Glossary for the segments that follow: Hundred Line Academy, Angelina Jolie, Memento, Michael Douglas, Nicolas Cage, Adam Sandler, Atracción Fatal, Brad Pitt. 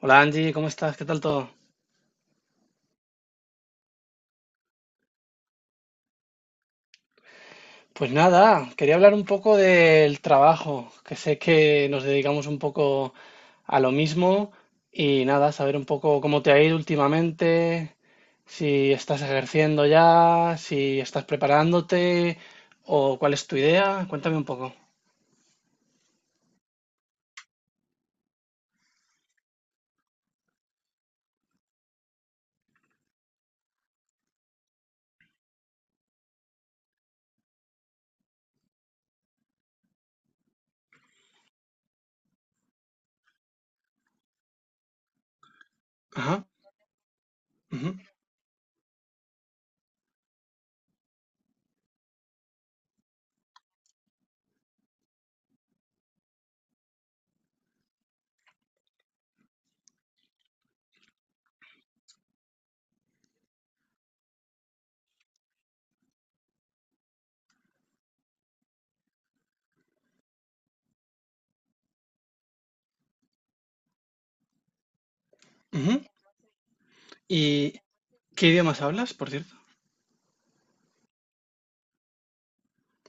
Hola Angie, ¿cómo estás? ¿Qué tal todo? Pues nada, quería hablar un poco del trabajo, que sé que nos dedicamos un poco a lo mismo y nada, saber un poco cómo te ha ido últimamente, si estás ejerciendo ya, si estás preparándote o cuál es tu idea. Cuéntame un poco. Ajá, ujú, ujú. ¿Y qué idiomas hablas, por cierto?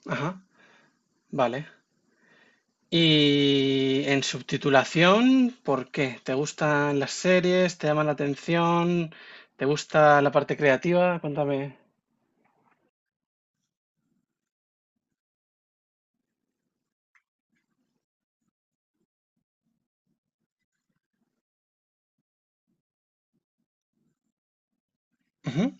Ajá. Vale. Y en subtitulación, ¿por qué? ¿Te gustan las series? ¿Te llaman la atención? ¿Te gusta la parte creativa? Cuéntame. Ujú.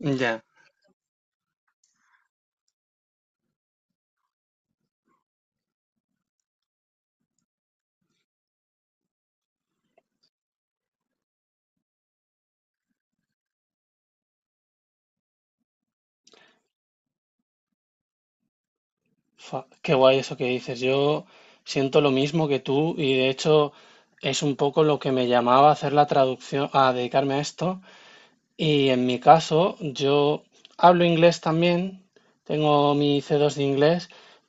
Ya. Qué guay eso que dices. Yo siento lo mismo que tú y de hecho es un poco lo que me llamaba a hacer la traducción, a dedicarme a esto. Y en mi caso, yo hablo inglés también, tengo mi C2 de inglés,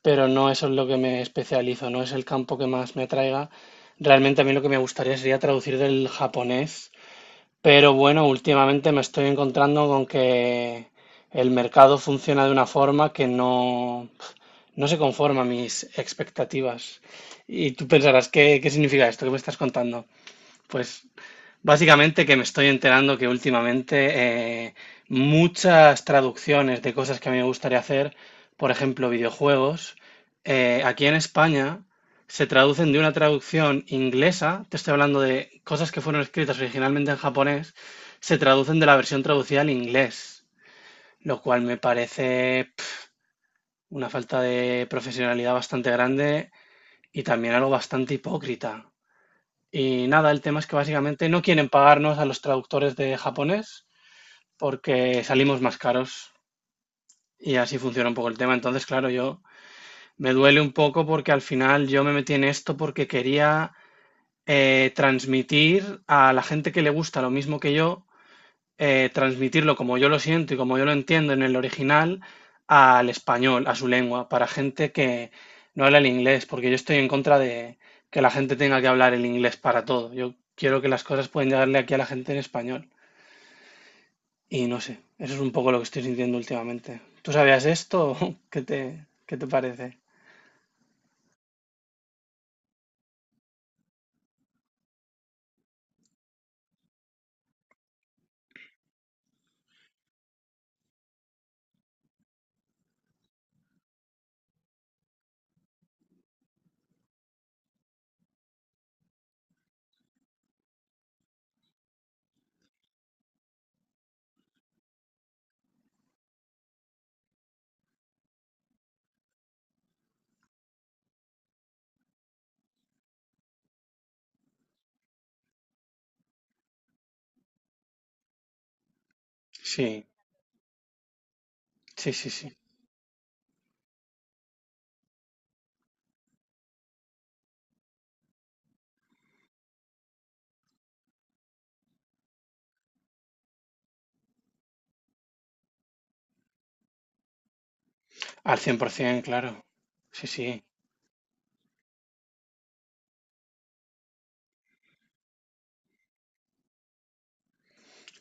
pero no eso es lo que me especializo, no es el campo que más me atraiga. Realmente a mí lo que me gustaría sería traducir del japonés, pero bueno, últimamente me estoy encontrando con que el mercado funciona de una forma que no se conforma a mis expectativas. Y tú pensarás, ¿ qué significa esto que me estás contando? Pues básicamente que me estoy enterando que últimamente muchas traducciones de cosas que a mí me gustaría hacer, por ejemplo, videojuegos, aquí en España se traducen de una traducción inglesa, te estoy hablando de cosas que fueron escritas originalmente en japonés, se traducen de la versión traducida al inglés, lo cual me parece pf, una falta de profesionalidad bastante grande y también algo bastante hipócrita. Y nada, el tema es que básicamente no quieren pagarnos a los traductores de japonés porque salimos más caros y así funciona un poco el tema. Entonces, claro, yo me duele un poco porque al final yo me metí en esto porque quería transmitir a la gente que le gusta lo mismo que yo, transmitirlo como yo lo siento y como yo lo entiendo en el original al español, a su lengua, para gente que no habla el inglés, porque yo estoy en contra de que la gente tenga que hablar el inglés para todo. Yo quiero que las cosas puedan llegarle aquí a la gente en español. Y no sé, eso es un poco lo que estoy sintiendo últimamente. ¿Tú sabías esto? ¿ qué te parece? Sí, sí, sí, sí. Al 100%, claro. Sí, sí.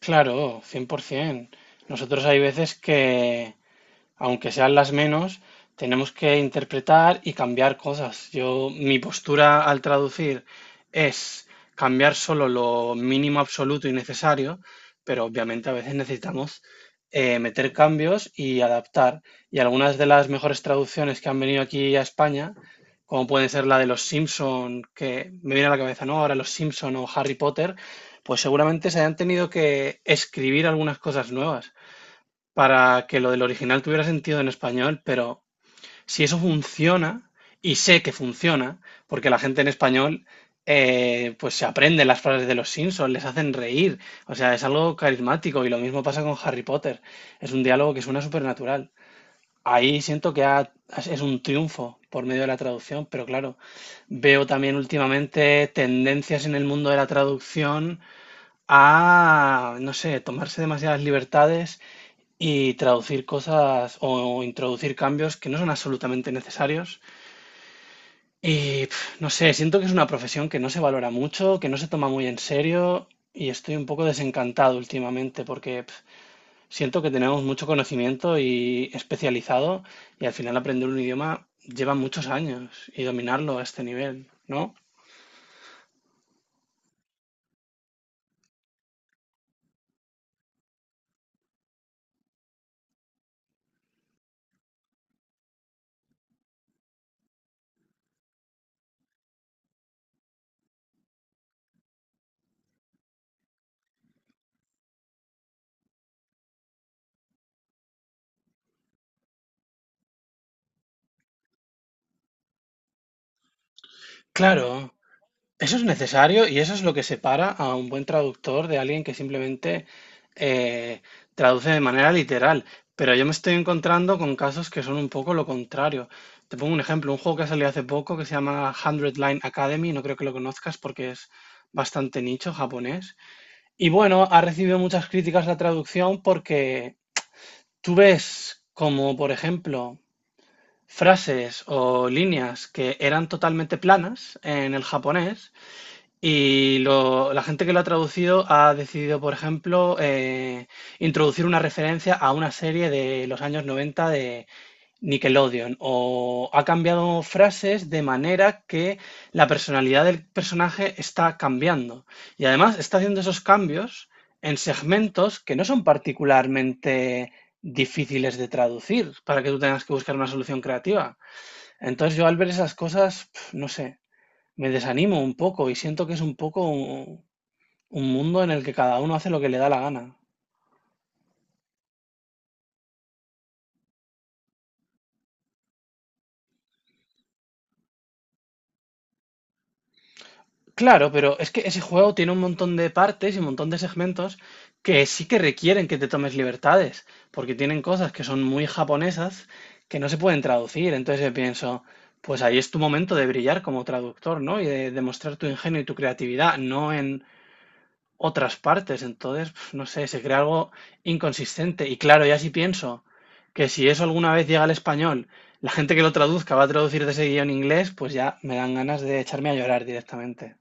Claro, 100%. Nosotros hay veces que, aunque sean las menos, tenemos que interpretar y cambiar cosas. Yo, mi postura al traducir es cambiar solo lo mínimo absoluto y necesario, pero obviamente a veces necesitamos meter cambios y adaptar. Y algunas de las mejores traducciones que han venido aquí a España, como pueden ser la de Los Simpson, que me viene a la cabeza, ¿no? Ahora Los Simpson o Harry Potter, pues seguramente se hayan tenido que escribir algunas cosas nuevas para que lo del original tuviera sentido en español, pero si eso funciona, y sé que funciona, porque la gente en español, pues se aprende las frases de los Simpsons, les hacen reír, o sea, es algo carismático y lo mismo pasa con Harry Potter, es un diálogo que suena supernatural. Ahí siento que es un triunfo por medio de la traducción, pero claro, veo también últimamente tendencias en el mundo de la traducción a, no sé, tomarse demasiadas libertades y traducir cosas o introducir cambios que no son absolutamente necesarios. Y pf, no sé, siento que es una profesión que no se valora mucho, que no se toma muy en serio y estoy un poco desencantado últimamente porque pf, siento que tenemos mucho conocimiento y especializado y al final aprender un idioma lleva muchos años y dominarlo a este nivel, ¿no? Claro. Eso es necesario y eso es lo que separa a un buen traductor de alguien que simplemente eh, traduce de manera literal. Pero yo me estoy encontrando con casos que son un poco lo contrario. Te pongo un ejemplo, un juego que salió hace poco que se llama Hundred Line Academy, no creo que lo conozcas porque es bastante nicho japonés. Y bueno, ha recibido muchas críticas la traducción porque tú ves como, por ejemplo, frases o líneas que eran totalmente planas en el japonés y la gente que lo ha traducido ha decidido, por ejemplo, introducir una referencia a una serie de los años 90 de Nickelodeon, o ha cambiado frases de manera que la personalidad del personaje está cambiando. Y además está haciendo esos cambios en segmentos que no son particularmente difíciles de traducir para que tú tengas que buscar una solución creativa. Entonces yo al ver esas cosas, pf, no sé, me desanimo un poco y siento que es un poco un mundo en el que cada uno hace lo que le da la gana. Claro, pero es que ese juego tiene un montón de partes y un montón de segmentos que sí que requieren que te tomes libertades, porque tienen cosas que son muy japonesas que no se pueden traducir. Entonces yo pienso, pues ahí es tu momento de brillar como traductor, ¿no? Y de demostrar tu ingenio y tu creatividad, no en otras partes. Entonces, pf, no sé, se crea algo inconsistente. Y claro, ya si pienso que si eso alguna vez llega al español, la gente que lo traduzca va a traducir de seguido en inglés, pues ya me dan ganas de echarme a llorar directamente.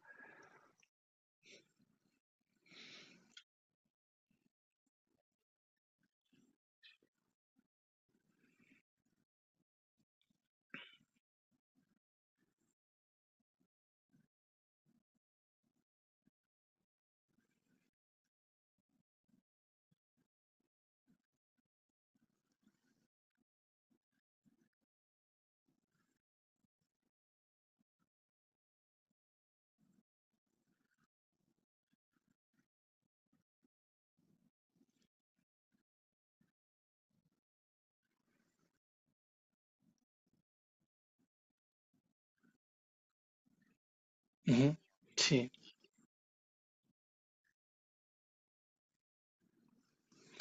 Ujú. Sí,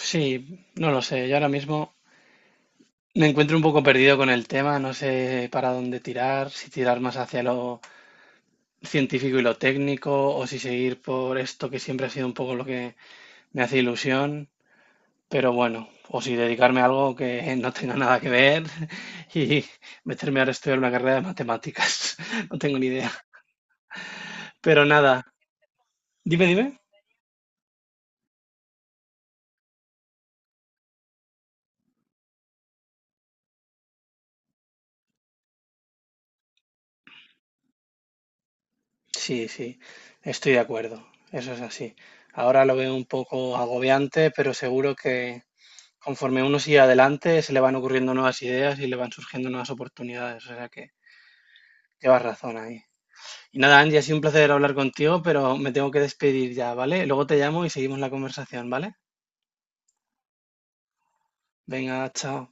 sí, no lo sé. Yo ahora mismo me encuentro un poco perdido con el tema, no sé para dónde tirar, si tirar más hacia lo científico y lo técnico, o si seguir por esto que siempre ha sido un poco lo que me hace ilusión. Pero bueno, o si dedicarme a algo que no tenga nada que ver y meterme ahora a estudiar una carrera de matemáticas. No tengo ni idea. Pero nada, dime. Sí, sí, estoy de acuerdo. Eso es así. Ahora lo veo un poco agobiante, pero seguro que conforme uno sigue adelante se le van ocurriendo nuevas ideas y le van surgiendo nuevas oportunidades. O sea que llevas razón ahí. Y nada, Angie, ha sido un placer hablar contigo, pero me tengo que despedir ya, ¿vale? Luego te llamo y seguimos la conversación, ¿vale? Venga, chao.